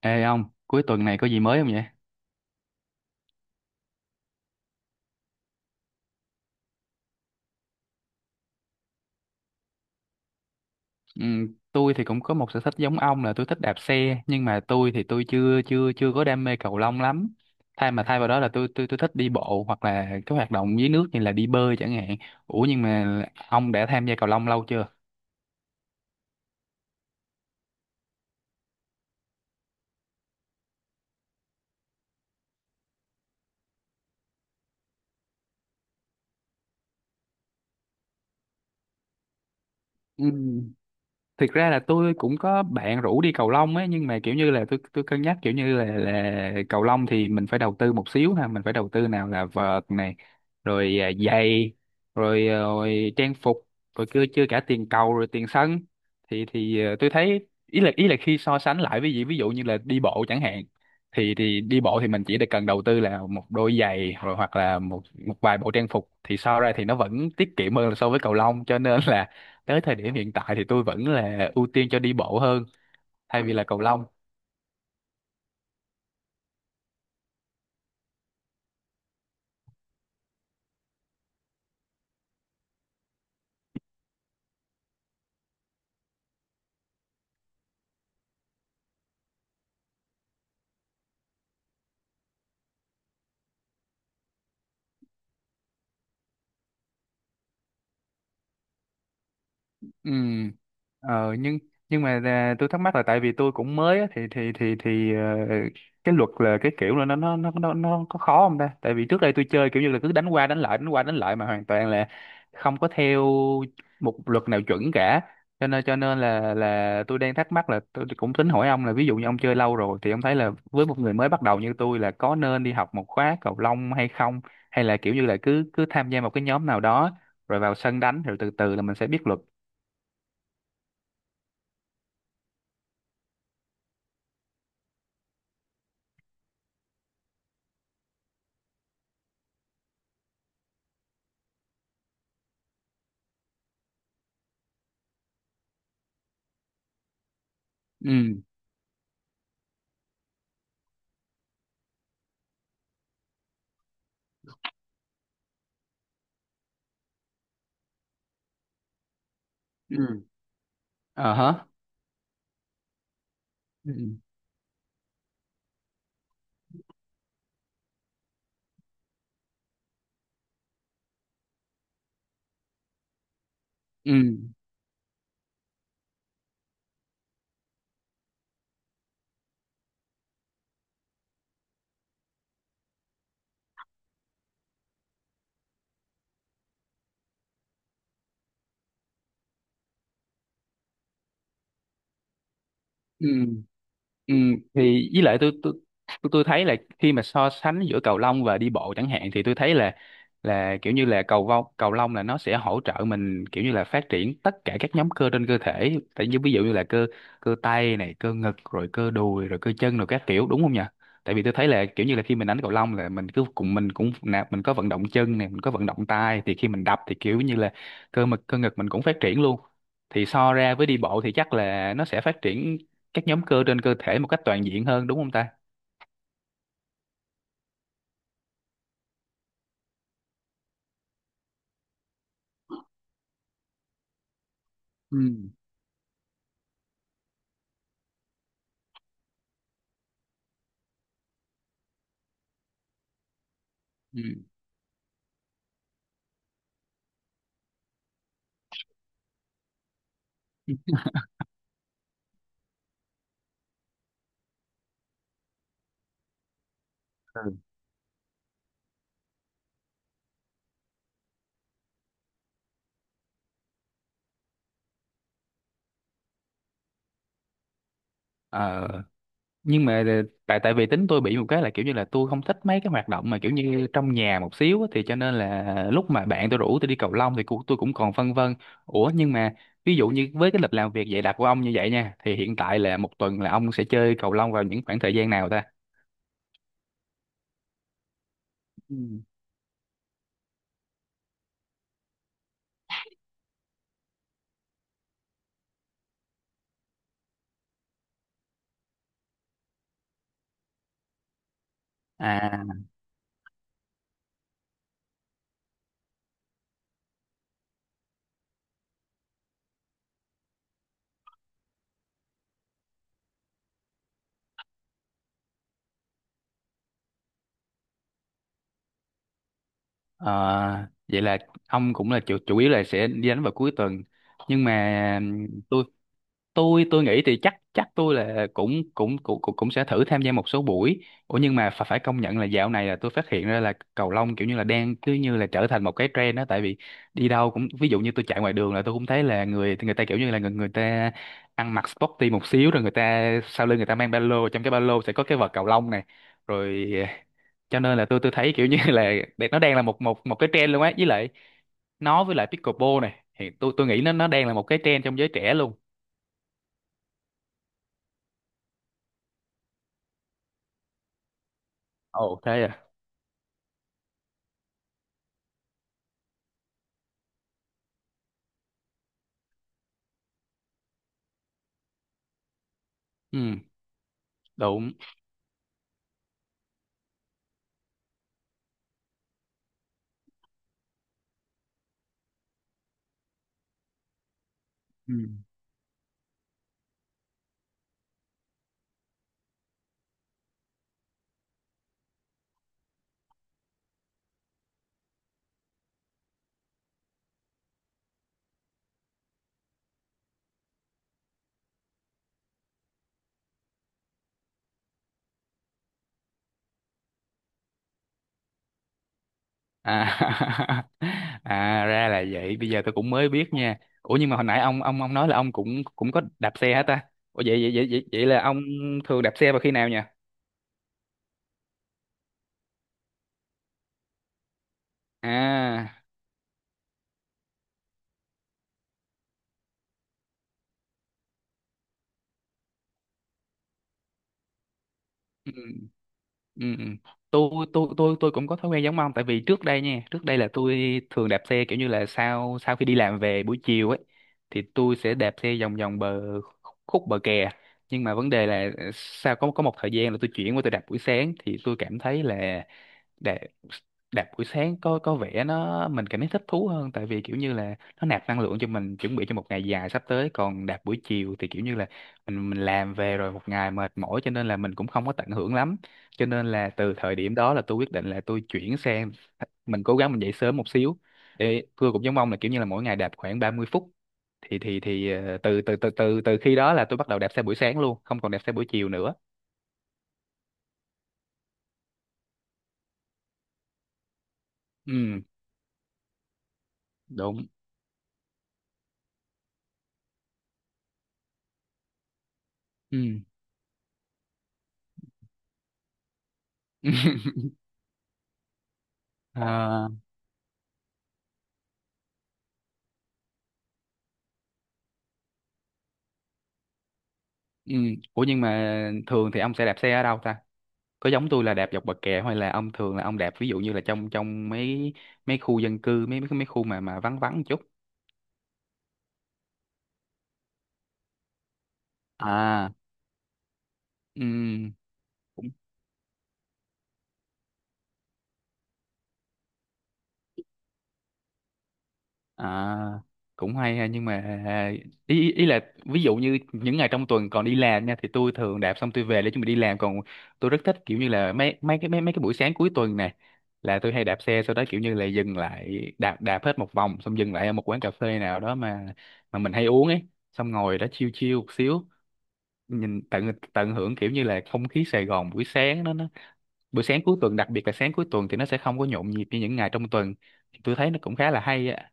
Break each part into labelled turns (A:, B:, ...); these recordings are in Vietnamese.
A: Ê ông, cuối tuần này có gì mới không vậy? Ừ, tôi thì cũng có một sở thích giống ông là tôi thích đạp xe, nhưng mà tôi thì tôi chưa chưa chưa có đam mê cầu lông lắm. Thay vào đó là tôi thích đi bộ hoặc là cái hoạt động dưới nước như là đi bơi chẳng hạn. Ủa, nhưng mà ông đã tham gia cầu lông lâu chưa? Ừ. Thực ra là tôi cũng có bạn rủ đi cầu lông ấy, nhưng mà kiểu như là tôi cân nhắc, kiểu như là cầu lông thì mình phải đầu tư một xíu ha, mình phải đầu tư nào là vợt này, rồi giày, rồi trang phục, rồi chưa chưa cả tiền cầu, rồi tiền sân. Thì tôi thấy ý là khi so sánh lại với gì ví dụ như là đi bộ chẳng hạn, thì đi bộ thì mình chỉ được cần đầu tư là một đôi giày, rồi hoặc là một một vài bộ trang phục, thì so ra thì nó vẫn tiết kiệm hơn là so với cầu lông. Cho nên là tới thời điểm hiện tại thì tôi vẫn là ưu tiên cho đi bộ hơn, thay vì là cầu lông. Ừ. Nhưng mà, tôi thắc mắc là tại vì tôi cũng mới á, thì cái luật là cái kiểu là nó có khó không ta? Tại vì trước đây tôi chơi kiểu như là cứ đánh qua đánh lại đánh qua đánh lại, mà hoàn toàn là không có theo một luật nào chuẩn cả. Cho nên là tôi đang thắc mắc là tôi cũng tính hỏi ông là ví dụ như ông chơi lâu rồi thì ông thấy là với một người mới bắt đầu như tôi là có nên đi học một khóa cầu lông hay không, hay là kiểu như là cứ cứ tham gia một cái nhóm nào đó rồi vào sân đánh, rồi từ từ là mình sẽ biết luật. Ừ. Ừ. Ờ hả. Ừ. Ừ. Ừ. Ừ, thì với lại tôi thấy là khi mà so sánh giữa cầu lông và đi bộ chẳng hạn thì tôi thấy là kiểu như là cầu lông là nó sẽ hỗ trợ mình kiểu như là phát triển tất cả các nhóm cơ trên cơ thể, tại như ví dụ như là cơ cơ tay này, cơ ngực, rồi cơ đùi, rồi cơ chân, rồi các kiểu, đúng không nhỉ? Tại vì tôi thấy là kiểu như là khi mình đánh cầu lông là mình cứ cùng mình cũng nạp, mình có vận động chân này, mình có vận động tay, thì khi mình đập thì kiểu như là cơ ngực mình cũng phát triển luôn. Thì so ra với đi bộ thì chắc là nó sẽ phát triển các nhóm cơ trên cơ thể một cách toàn diện hơn, đúng không ta? Ừ. Ừ. Ừ. Ờ, nhưng mà tại tại vì tính tôi bị một cái là kiểu như là tôi không thích mấy cái hoạt động mà kiểu như trong nhà một xíu á, thì cho nên là lúc mà bạn tôi rủ tôi đi cầu lông thì tôi cũng còn phân vân. Ủa, nhưng mà ví dụ như với cái lịch làm việc dày đặc của ông như vậy nha, thì hiện tại là một tuần là ông sẽ chơi cầu lông vào những khoảng thời gian nào ta? Ừ. À. ờ, Vậy là ông cũng là chủ yếu là sẽ đi đánh vào cuối tuần. Nhưng mà tôi tôi nghĩ thì chắc chắc tôi là cũng cũng cũng cũng cũng sẽ thử tham gia một số buổi. Ủa, nhưng mà phải phải công nhận là dạo này là tôi phát hiện ra là cầu lông kiểu như là đang cứ như là trở thành một cái trend đó, tại vì đi đâu cũng ví dụ như tôi chạy ngoài đường là tôi cũng thấy là người người ta kiểu như là người người ta ăn mặc sporty một xíu, rồi người ta sau lưng người ta mang ba lô, trong cái ba lô sẽ có cái vợt cầu lông này rồi. Cho nên là tôi thấy kiểu như là nó đang là một một một cái trend luôn á, với lại pickleball này thì tôi nghĩ nó đang là một cái trend trong giới trẻ luôn. Ồ, thế à? Ừ. Đúng. Ừ. À. à, ra là vậy, bây giờ tôi cũng mới biết nha. Ủa, nhưng mà hồi nãy ông, ông nói là ông cũng cũng có đạp xe hả ta? Ủa, vậy vậy vậy vậy, vậy là ông thường đạp xe vào khi nào nhỉ? À. Ừ. Ừ. Ừ. tôi cũng có thói quen giống ông, tại vì trước đây nha, trước đây là tôi thường đạp xe kiểu như là sau sau khi đi làm về buổi chiều ấy, thì tôi sẽ đạp xe vòng vòng bờ, khúc bờ kè. Nhưng mà vấn đề là sau có một thời gian là tôi chuyển qua tôi đạp buổi sáng, thì tôi cảm thấy là đạp đạp buổi sáng có vẻ nó mình cảm thấy thích thú hơn, tại vì kiểu như là nó nạp năng lượng cho mình chuẩn bị cho một ngày dài sắp tới. Còn đạp buổi chiều thì kiểu như là mình làm về rồi, một ngày mệt mỏi, cho nên là mình cũng không có tận hưởng lắm. Cho nên là từ thời điểm đó là tôi quyết định là tôi chuyển sang, mình cố gắng mình dậy sớm một xíu, để tôi cũng giống ông là kiểu như là mỗi ngày đạp khoảng 30 phút. Thì từ từ từ từ từ khi đó là tôi bắt đầu đạp xe buổi sáng luôn, không còn đạp xe buổi chiều nữa. Ừ. Đúng. Ừ. Ờ. Ừ. Ủa, nhưng mà thường thì ông sẽ đạp xe ở đâu ta? Có giống tôi là đạp dọc bờ kè, hay là ông thường là ông đạp ví dụ như là trong trong mấy mấy khu dân cư, mấy mấy mấy khu mà vắng vắng một chút? À. Ừ. À, cũng hay ha. Nhưng mà ý ý ý là ví dụ như những ngày trong tuần còn đi làm nha, thì tôi thường đạp xong tôi về để chuẩn bị đi làm, còn tôi rất thích kiểu như là mấy cái buổi sáng cuối tuần này, là tôi hay đạp xe sau đó kiểu như là dừng lại, đạp đạp hết một vòng, xong dừng lại ở một quán cà phê nào đó mà mình hay uống ấy, xong ngồi đó chill chill một xíu, nhìn tận, hưởng kiểu như là không khí Sài Gòn buổi sáng đó nó, buổi sáng cuối tuần, đặc biệt là sáng cuối tuần thì nó sẽ không có nhộn nhịp như những ngày trong tuần, tôi thấy nó cũng khá là hay á.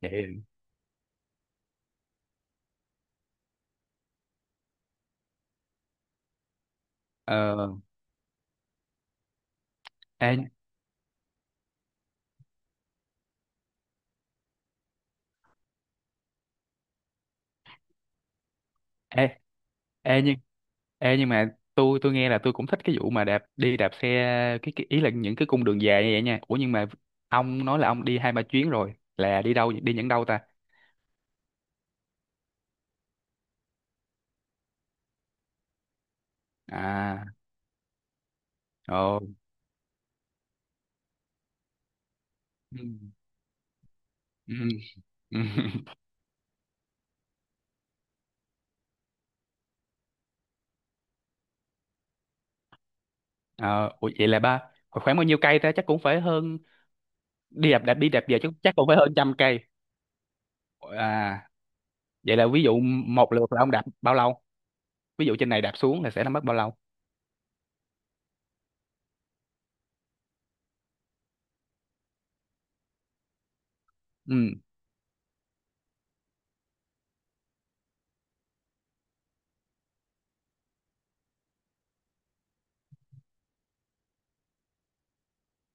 A: Vậy. Ờ ê, ê, ê nhưng ê nhưng mà tôi nghe là tôi cũng thích cái vụ mà đi đạp xe, cái ý là những cái cung đường dài như vậy nha. Ủa, nhưng mà ông nói là ông đi hai ba chuyến rồi, là đi đâu, đi những đâu ta? À. Ồ. Ừ. Ừ. Ừ. Ờ, ủa vậy là khoảng, bao nhiêu cây ta, chắc cũng phải hơn, đi đạp đạp đi đạp về chắc chắc cũng phải hơn 100 cây. À, vậy là ví dụ một lượt là ông đạp bao lâu, ví dụ trên này đạp xuống là sẽ là mất bao lâu? Ừ.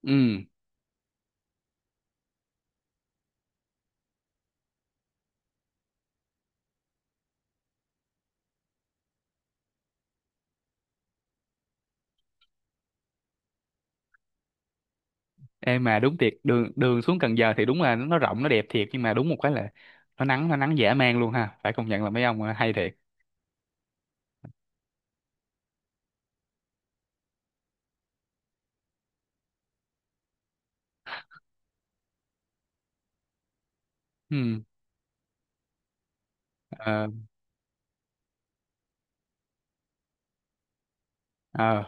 A: Ừ. Ê, mà đúng thiệt, đường đường xuống Cần Giờ thì đúng là nó rộng nó đẹp thiệt, nhưng mà đúng một cái là nó nắng, nó nắng dã man luôn ha, phải công nhận là mấy ông hay thiệt. Ừ. Ờ. Ờ.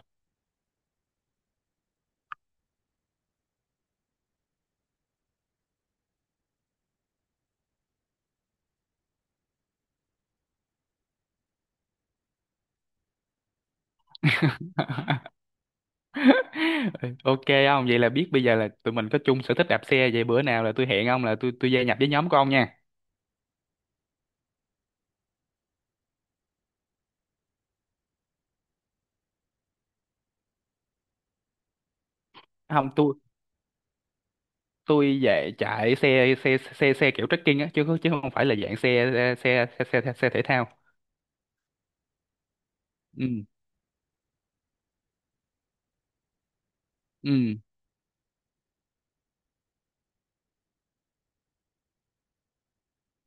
A: ok ông, vậy là biết bây giờ là tụi mình có chung sở thích đạp xe, vậy bữa nào là tôi hẹn ông là tôi gia nhập với nhóm của ông nha. Không, tôi về chạy xe xe xe xe kiểu trekking á, chứ chứ không phải là dạng xe xe xe xe, xe, thể thao. Ừ. Ừ.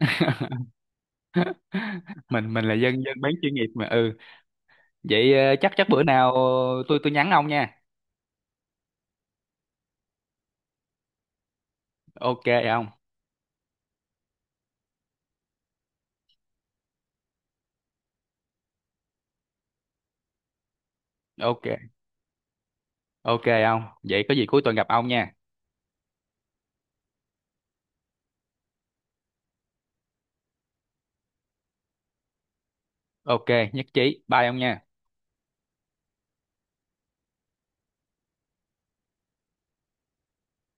A: Mình là dân dân bán chuyên nghiệp mà. Ừ, vậy chắc chắc bữa nào tôi nhắn ông nha. Ok ông. Ok. Ok ông. Vậy có gì cuối tuần gặp ông nha. Ok, nhất trí. Bye ông nha.